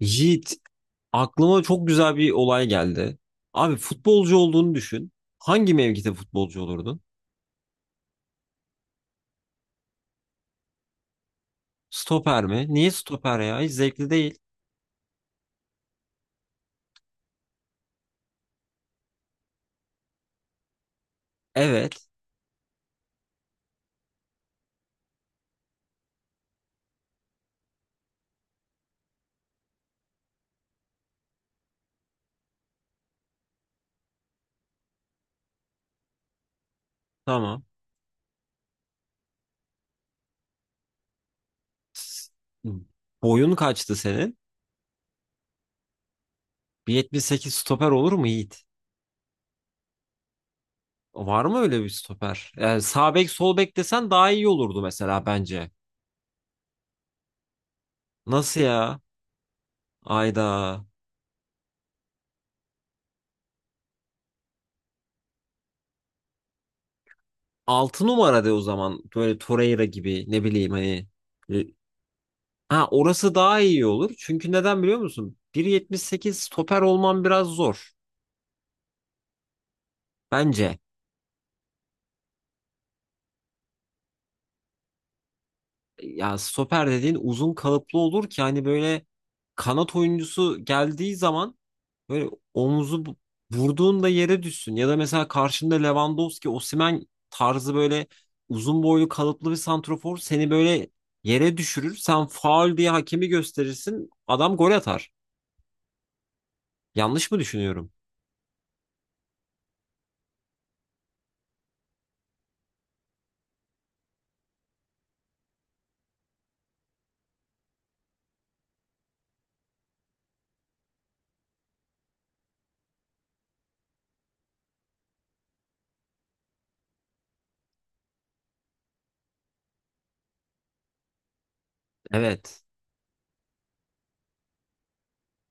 Yiğit, aklıma çok güzel bir olay geldi. Abi futbolcu olduğunu düşün. Hangi mevkide futbolcu olurdun? Stoper mi? Niye stoper ya? Hiç zevkli değil. Evet, tamam. S- Boyun kaçtı senin? 1.78 stoper olur mu Yiğit? Var mı öyle bir stoper? Yani sağ bek sol bek desen daha iyi olurdu mesela bence. Nasıl ya? Ayda. Altı numara de o zaman. Böyle Torreira gibi ne bileyim hani e, ha, orası daha iyi olur. Çünkü neden biliyor musun? 1.78 stoper olman biraz zor. Bence. Ya stoper dediğin uzun kalıplı olur ki hani böyle kanat oyuncusu geldiği zaman böyle omuzu vurduğunda yere düşsün. Ya da mesela karşında Lewandowski, Osimhen tarzı böyle uzun boylu kalıplı bir santrofor seni böyle yere düşürür. Sen faul diye hakemi gösterirsin. Adam gol atar. Yanlış mı düşünüyorum? Evet.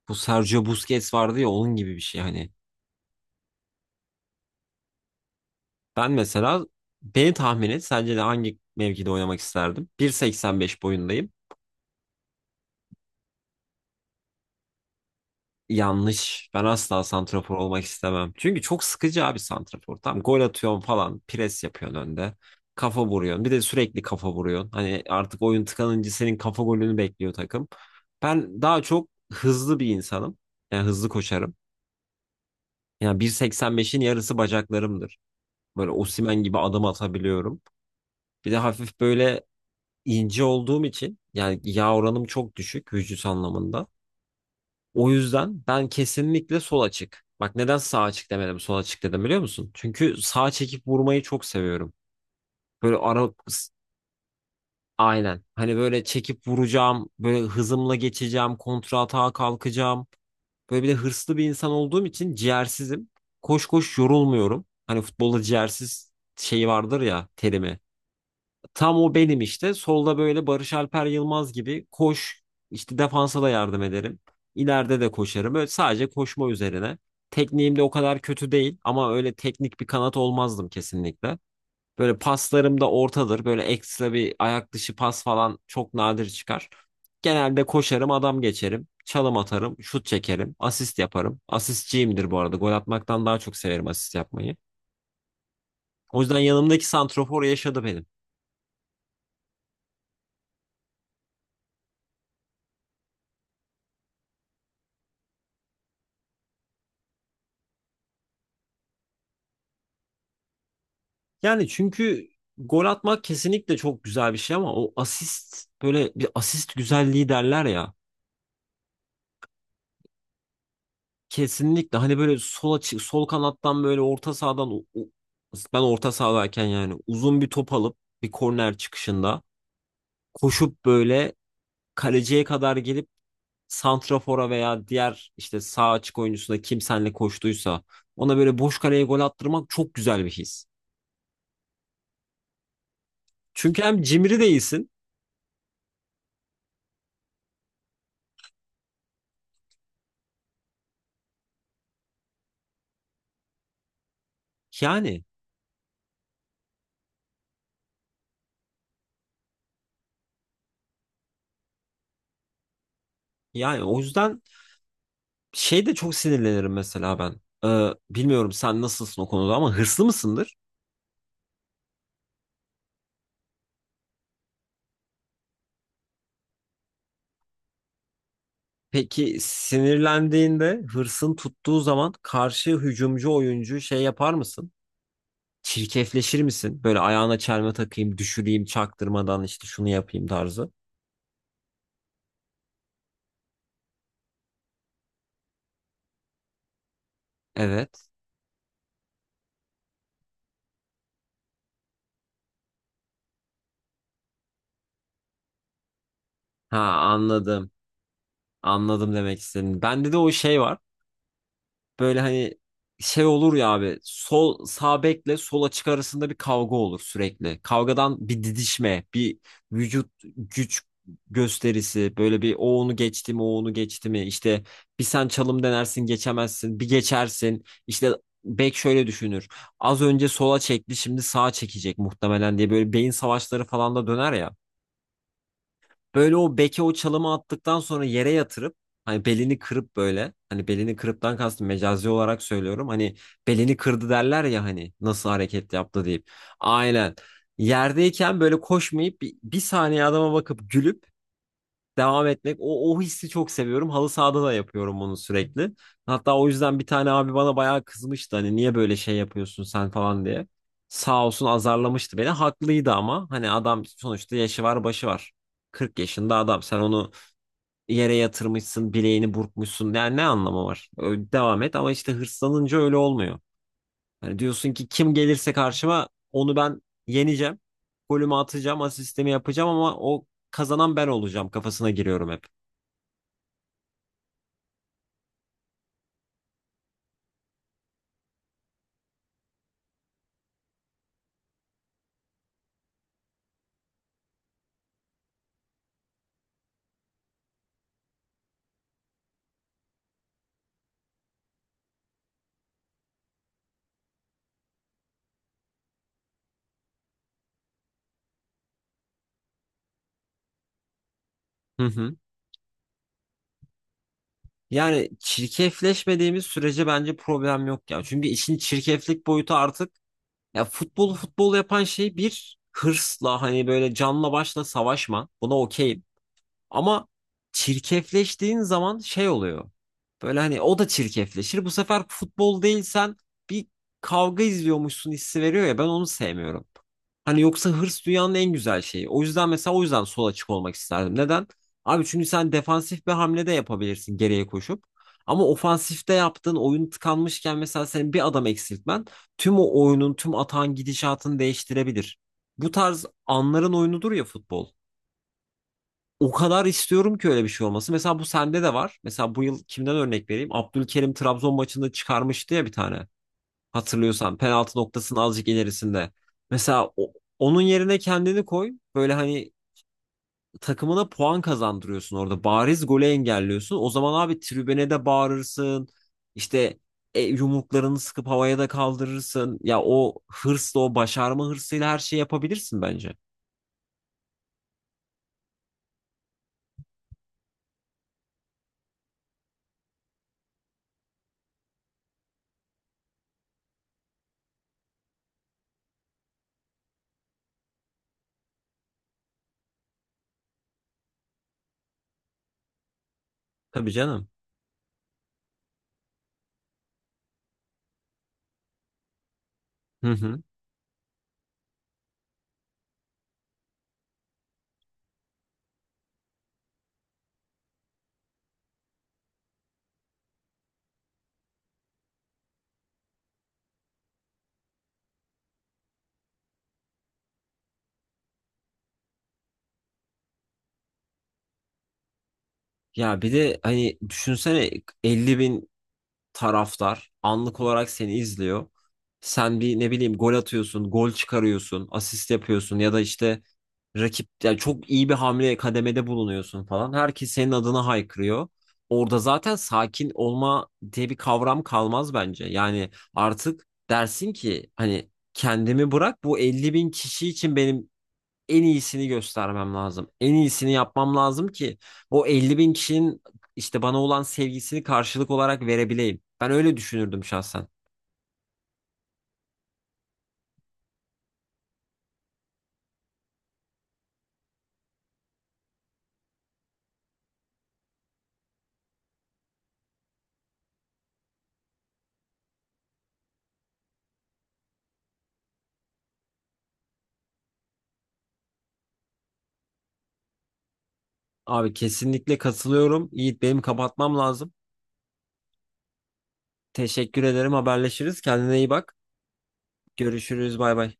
Bu Sergio Busquets vardı ya, onun gibi bir şey hani. Ben mesela, beni tahmin et, sence de hangi mevkide oynamak isterdim? 1.85 boyundayım. Yanlış. Ben asla santrafor olmak istemem. Çünkü çok sıkıcı abi santrafor. Tam gol atıyorsun falan, pres yapıyorsun önde. Kafa vuruyorsun. Bir de sürekli kafa vuruyorsun. Hani artık oyun tıkanınca senin kafa golünü bekliyor takım. Ben daha çok hızlı bir insanım. Yani hızlı koşarım. Yani 1.85'in yarısı bacaklarımdır. Böyle Osimhen gibi adım atabiliyorum. Bir de hafif böyle ince olduğum için, yani yağ oranım çok düşük vücut anlamında. O yüzden ben kesinlikle sol açık. Bak, neden sağ açık demedim, sol açık dedim biliyor musun? Çünkü sağ çekip vurmayı çok seviyorum. Böyle ara aynen. Hani böyle çekip vuracağım, böyle hızımla geçeceğim, kontra atağa kalkacağım. Böyle bir de hırslı bir insan olduğum için ciğersizim. Koş koş yorulmuyorum. Hani futbolda ciğersiz şeyi vardır ya, terimi. Tam o benim işte. Solda böyle Barış Alper Yılmaz gibi koş. İşte defansa da yardım ederim. İleride de koşarım. Böyle sadece koşma üzerine. Tekniğim de o kadar kötü değil ama öyle teknik bir kanat olmazdım kesinlikle. Böyle paslarım da ortadır. Böyle ekstra bir ayak dışı pas falan çok nadir çıkar. Genelde koşarım, adam geçerim, çalım atarım, şut çekerim, asist yaparım. Asistçiyimdir bu arada. Gol atmaktan daha çok severim asist yapmayı. O yüzden yanımdaki santrofor yaşadı benim. Yani çünkü gol atmak kesinlikle çok güzel bir şey ama o asist, böyle bir asist güzelliği derler ya. Kesinlikle hani böyle sol açı, sol kanattan böyle orta sahadan ben orta sahadayken, yani uzun bir top alıp bir korner çıkışında koşup böyle kaleciye kadar gelip santrafora veya diğer işte sağ açık oyuncusuna, kim senle koştuysa ona böyle boş kaleye gol attırmak çok güzel bir his. Çünkü hem cimri değilsin, yani yani o yüzden şey, de çok sinirlenirim mesela ben. Bilmiyorum sen nasılsın o konuda, ama hırslı mısındır? Peki sinirlendiğinde, hırsın tuttuğu zaman, karşı hücumcu oyuncu şey yapar mısın? Çirkefleşir misin? Böyle ayağına çelme takayım, düşüreyim çaktırmadan, işte şunu yapayım tarzı. Evet. Ha, anladım. Anladım demek istediğini. Bende de o şey var. Böyle hani şey olur ya abi, sol sağ bekle sol açık arasında bir kavga olur sürekli. Kavgadan bir didişme, bir vücut, güç gösterisi, böyle bir o onu geçti mi, o onu geçti mi, işte bir sen çalım denersin, geçemezsin, bir geçersin, işte bek şöyle düşünür, az önce sola çekti, şimdi sağa çekecek muhtemelen diye, böyle beyin savaşları falan da döner ya. Böyle o beke o çalımı attıktan sonra yere yatırıp, hani belini kırıp, böyle hani belini kırıptan kastım mecazi olarak söylüyorum. Hani belini kırdı derler ya, hani nasıl hareket yaptı deyip. Aynen. Yerdeyken böyle koşmayıp bir saniye adama bakıp gülüp devam etmek. O hissi çok seviyorum. Halı sahada da yapıyorum bunu sürekli. Hatta o yüzden bir tane abi bana bayağı kızmıştı. Hani niye böyle şey yapıyorsun sen falan diye. Sağ olsun, azarlamıştı beni. Haklıydı ama, hani adam sonuçta yaşı var, başı var. 40 yaşında adam. Sen onu yere yatırmışsın, bileğini burkmuşsun. Yani ne anlamı var? Devam et, ama işte hırslanınca öyle olmuyor. Hani diyorsun ki, kim gelirse karşıma onu ben yeneceğim. Golümü atacağım, asistimi yapacağım ama o kazanan ben olacağım kafasına giriyorum hep. Hı hı. Yani çirkefleşmediğimiz sürece bence problem yok ya. Çünkü işin çirkeflik boyutu artık, ya futbolu futbol yapan şey bir hırsla hani böyle canla başla savaşma. Buna okeyim. Ama çirkefleştiğin zaman şey oluyor. Böyle hani o da çirkefleşir. Bu sefer futbol değil, sen bir kavga izliyormuşsun hissi veriyor ya, ben onu sevmiyorum. Hani yoksa hırs dünyanın en güzel şeyi. O yüzden mesela, o yüzden sol açık olmak isterdim. Neden? Abi, çünkü sen defansif bir hamle de yapabilirsin geriye koşup. Ama ofansifte, yaptığın oyun tıkanmışken mesela, senin bir adam eksiltmen tüm o oyunun, tüm atağın gidişatını değiştirebilir. Bu tarz anların oyunudur ya futbol. O kadar istiyorum ki öyle bir şey olması. Mesela bu sende de var. Mesela bu yıl kimden örnek vereyim? Abdülkerim Trabzon maçında çıkarmıştı ya bir tane. Hatırlıyorsan, penaltı noktasının azıcık ilerisinde. Mesela onun yerine kendini koy. Böyle hani takımına puan kazandırıyorsun orada. Bariz golü engelliyorsun. O zaman abi tribüne de bağırırsın. İşte yumruklarını sıkıp havaya da kaldırırsın. Ya o hırsla, o başarma hırsıyla her şeyi yapabilirsin bence. Tabii canım. Hı hı. Ya bir de hani düşünsene, 50 bin taraftar anlık olarak seni izliyor. Sen bir, ne bileyim, gol atıyorsun, gol çıkarıyorsun, asist yapıyorsun ya da işte rakip, yani çok iyi bir hamle kademede bulunuyorsun falan. Herkes senin adına haykırıyor. Orada zaten sakin olma diye bir kavram kalmaz bence. Yani artık dersin ki, hani kendimi bırak, bu 50 bin kişi için benim en iyisini göstermem lazım. En iyisini yapmam lazım ki o 50 bin kişinin işte bana olan sevgisini karşılık olarak verebileyim. Ben öyle düşünürdüm şahsen. Abi kesinlikle katılıyorum. Yiğit, benim kapatmam lazım. Teşekkür ederim. Haberleşiriz. Kendine iyi bak. Görüşürüz. Bay bay.